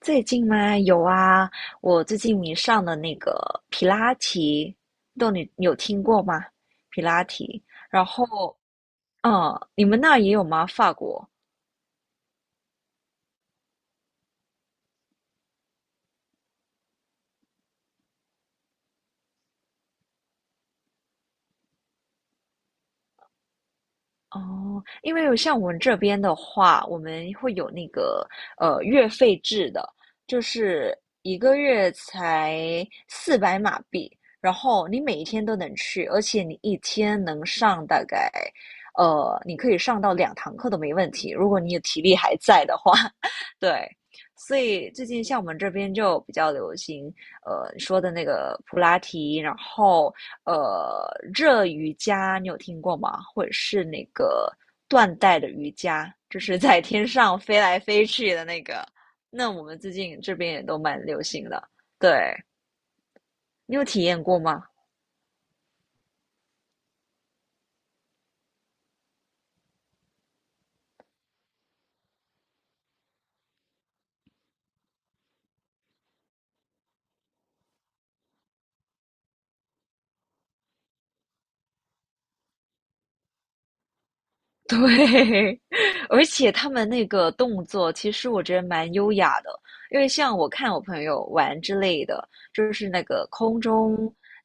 最近吗？有啊，我最近迷上了那个皮拉提，不知道你有听过吗？皮拉提，然后，你们那儿也有吗？法国？哦，因为有像我们这边的话，我们会有那个月费制的，就是一个月才400马币，然后你每一天都能去，而且你一天能上大概你可以上到2堂课都没问题，如果你的体力还在的话，对。所以最近像我们这边就比较流行，你说的那个普拉提，呃，热瑜伽你有听过吗？或者是那个断带的瑜伽，就是在天上飞来飞去的那个。那我们最近这边也都蛮流行的，对，你有体验过吗？对，而且他们那个动作，其实我觉得蛮优雅的，因为像我看我朋友玩之类的，就是那个空中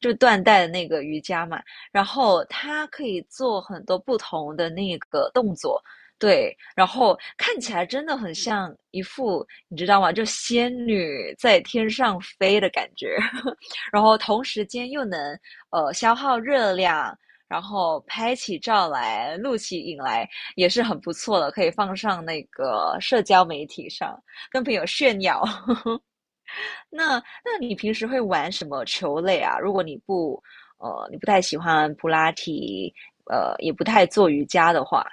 就断带的那个瑜伽嘛，然后他可以做很多不同的那个动作，对，然后看起来真的很像一副你知道吗？就仙女在天上飞的感觉，然后同时间又能消耗热量，然后拍起照来、录起影来也是很不错的，可以放上那个社交媒体上跟朋友炫耀。那那你平时会玩什么球类啊？如果你不你不太喜欢普拉提，也不太做瑜伽的话？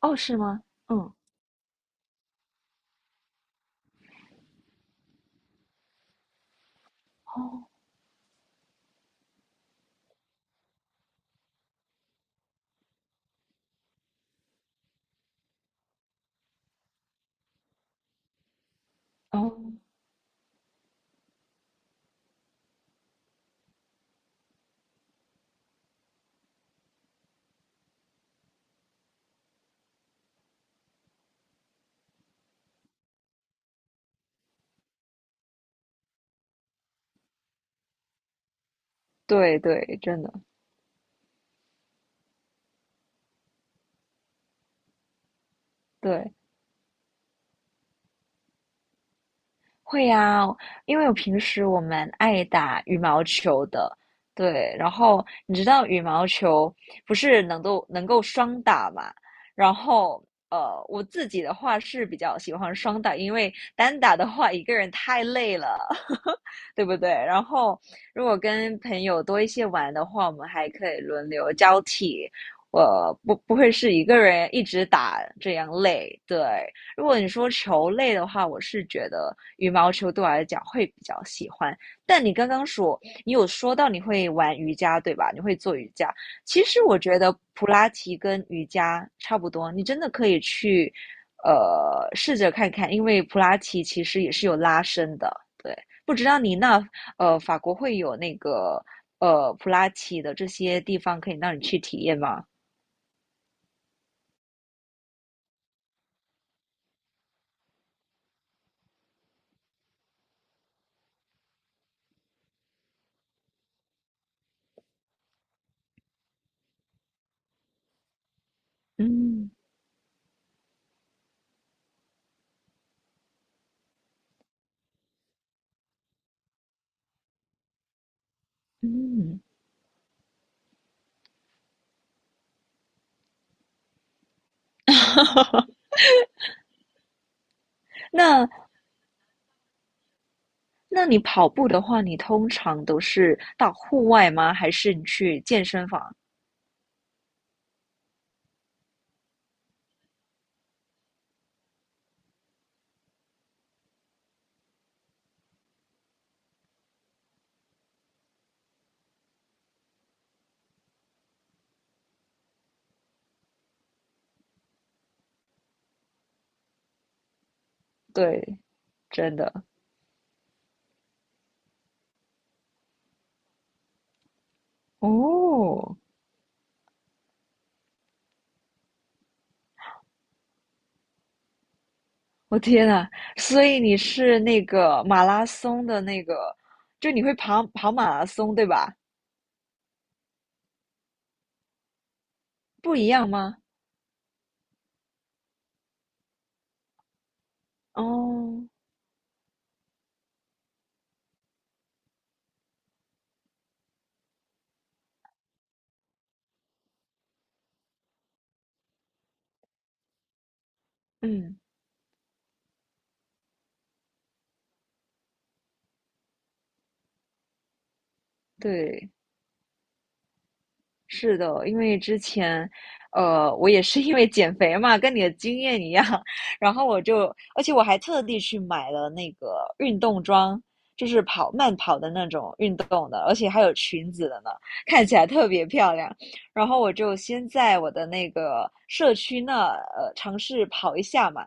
哦，是吗？嗯，哦。哦，对对，真的。对。会呀，因为我平时我蛮爱打羽毛球的，对。然后你知道羽毛球不是能够双打嘛？然后我自己的话是比较喜欢双打，因为单打的话一个人太累了。对不对？然后如果跟朋友多一些玩的话，我们还可以轮流交替。我不会是一个人一直打这样累，对。如果你说球类的话，我是觉得羽毛球对我来讲会比较喜欢。但你刚刚说你有说到你会玩瑜伽，对吧？你会做瑜伽。其实我觉得普拉提跟瑜伽差不多，你真的可以去试着看看，因为普拉提其实也是有拉伸的，对。不知道你那法国会有那个普拉提的这些地方可以让你去体验吗？嗯。嗯，那那你跑步的话，你通常都是到户外吗？还是你去健身房？对，真的。哦，我天呐，所以你是那个马拉松的那个，就你会跑跑马拉松对吧？不一样吗？哦，嗯，对。是的，因为之前，我也是因为减肥嘛，跟你的经验一样，然后我就，而且我还特地去买了那个运动装，就是跑慢跑的那种运动的，而且还有裙子的呢，看起来特别漂亮。然后我就先在我的那个社区那，尝试跑一下嘛。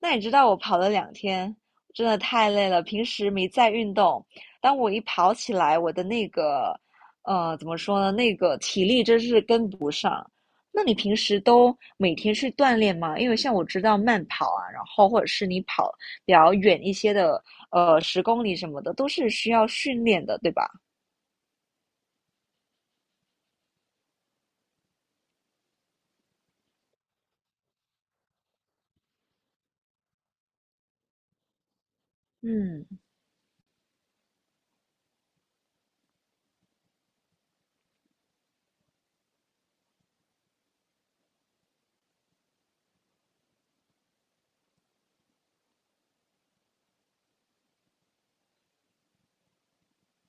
那你知道我跑了2天，真的太累了，平时没在运动，当我一跑起来，我的那个。怎么说呢？那个体力真是跟不上。那你平时都每天去锻炼吗？因为像我知道慢跑啊，然后或者是你跑比较远一些的，10公里什么的，都是需要训练的，对吧？嗯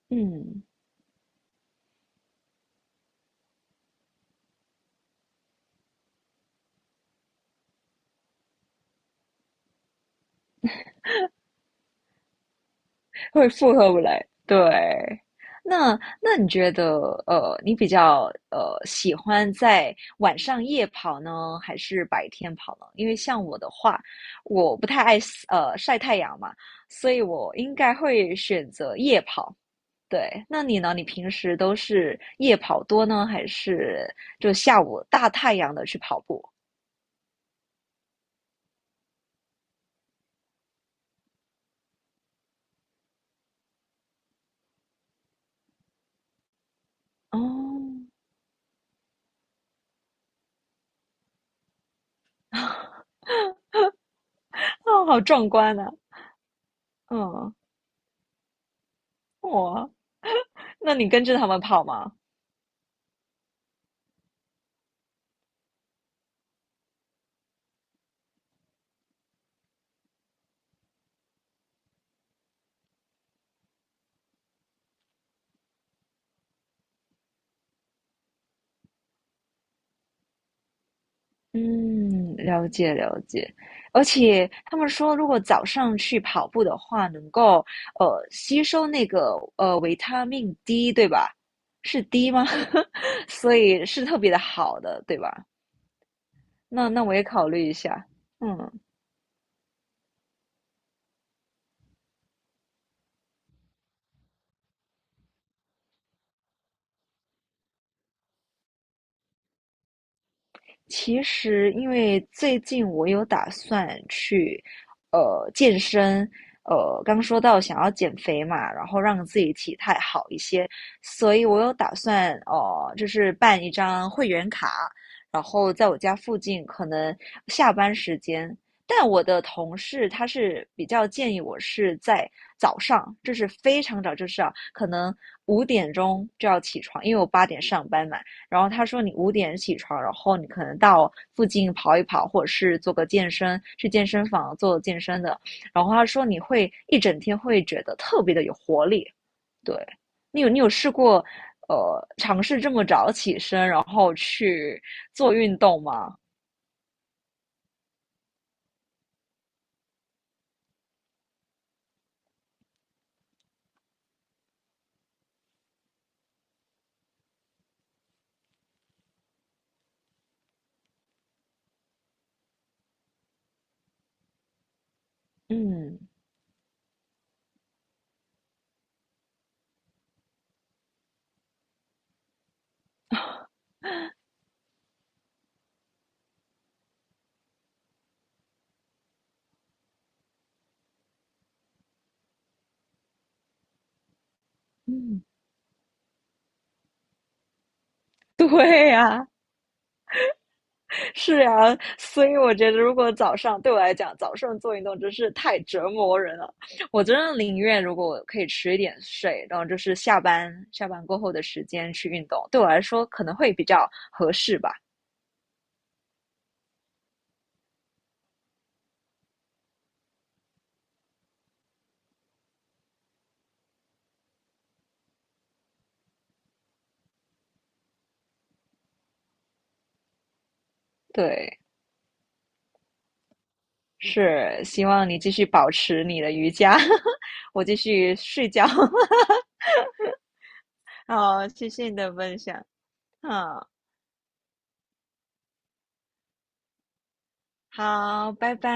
嗯。会负荷不来。对，那那你觉得，你比较喜欢在晚上夜跑呢，还是白天跑呢？因为像我的话，我不太爱晒太阳嘛，所以我应该会选择夜跑。对，那你呢？你平时都是夜跑多呢，还是就下午大太阳的去跑步？哦，哦，好壮观啊！嗯，哇，那你跟着他们跑吗？嗯，了解了解，而且他们说，如果早上去跑步的话，能够吸收那个维他命 D，对吧？是 D 吗？所以是特别的好的，对吧？那那我也考虑一下。嗯其实，因为最近我有打算去，健身，刚说到想要减肥嘛，然后让自己体态好一些，所以我有打算，哦，就是办一张会员卡，然后在我家附近，可能下班时间。但我的同事他是比较建议我是在早上，就是非常早，就是啊，可能5点钟就要起床，因为我8点上班嘛。然后他说你五点起床，然后你可能到附近跑一跑，或者是做个健身，去健身房做健身的。然后他说你会一整天会觉得特别的有活力。对，你有试过尝试这么早起身，然后去做运动吗？嗯嗯，对呀、是呀，所以我觉得如果早上对我来讲，早上做运动真是太折磨人了。我真的宁愿如果我可以迟一点睡，然后就是下班过后的时间去运动，对我来说可能会比较合适吧。对，是希望你继续保持你的瑜伽，我继续睡觉。好，谢谢你的分享。嗯，好，拜拜。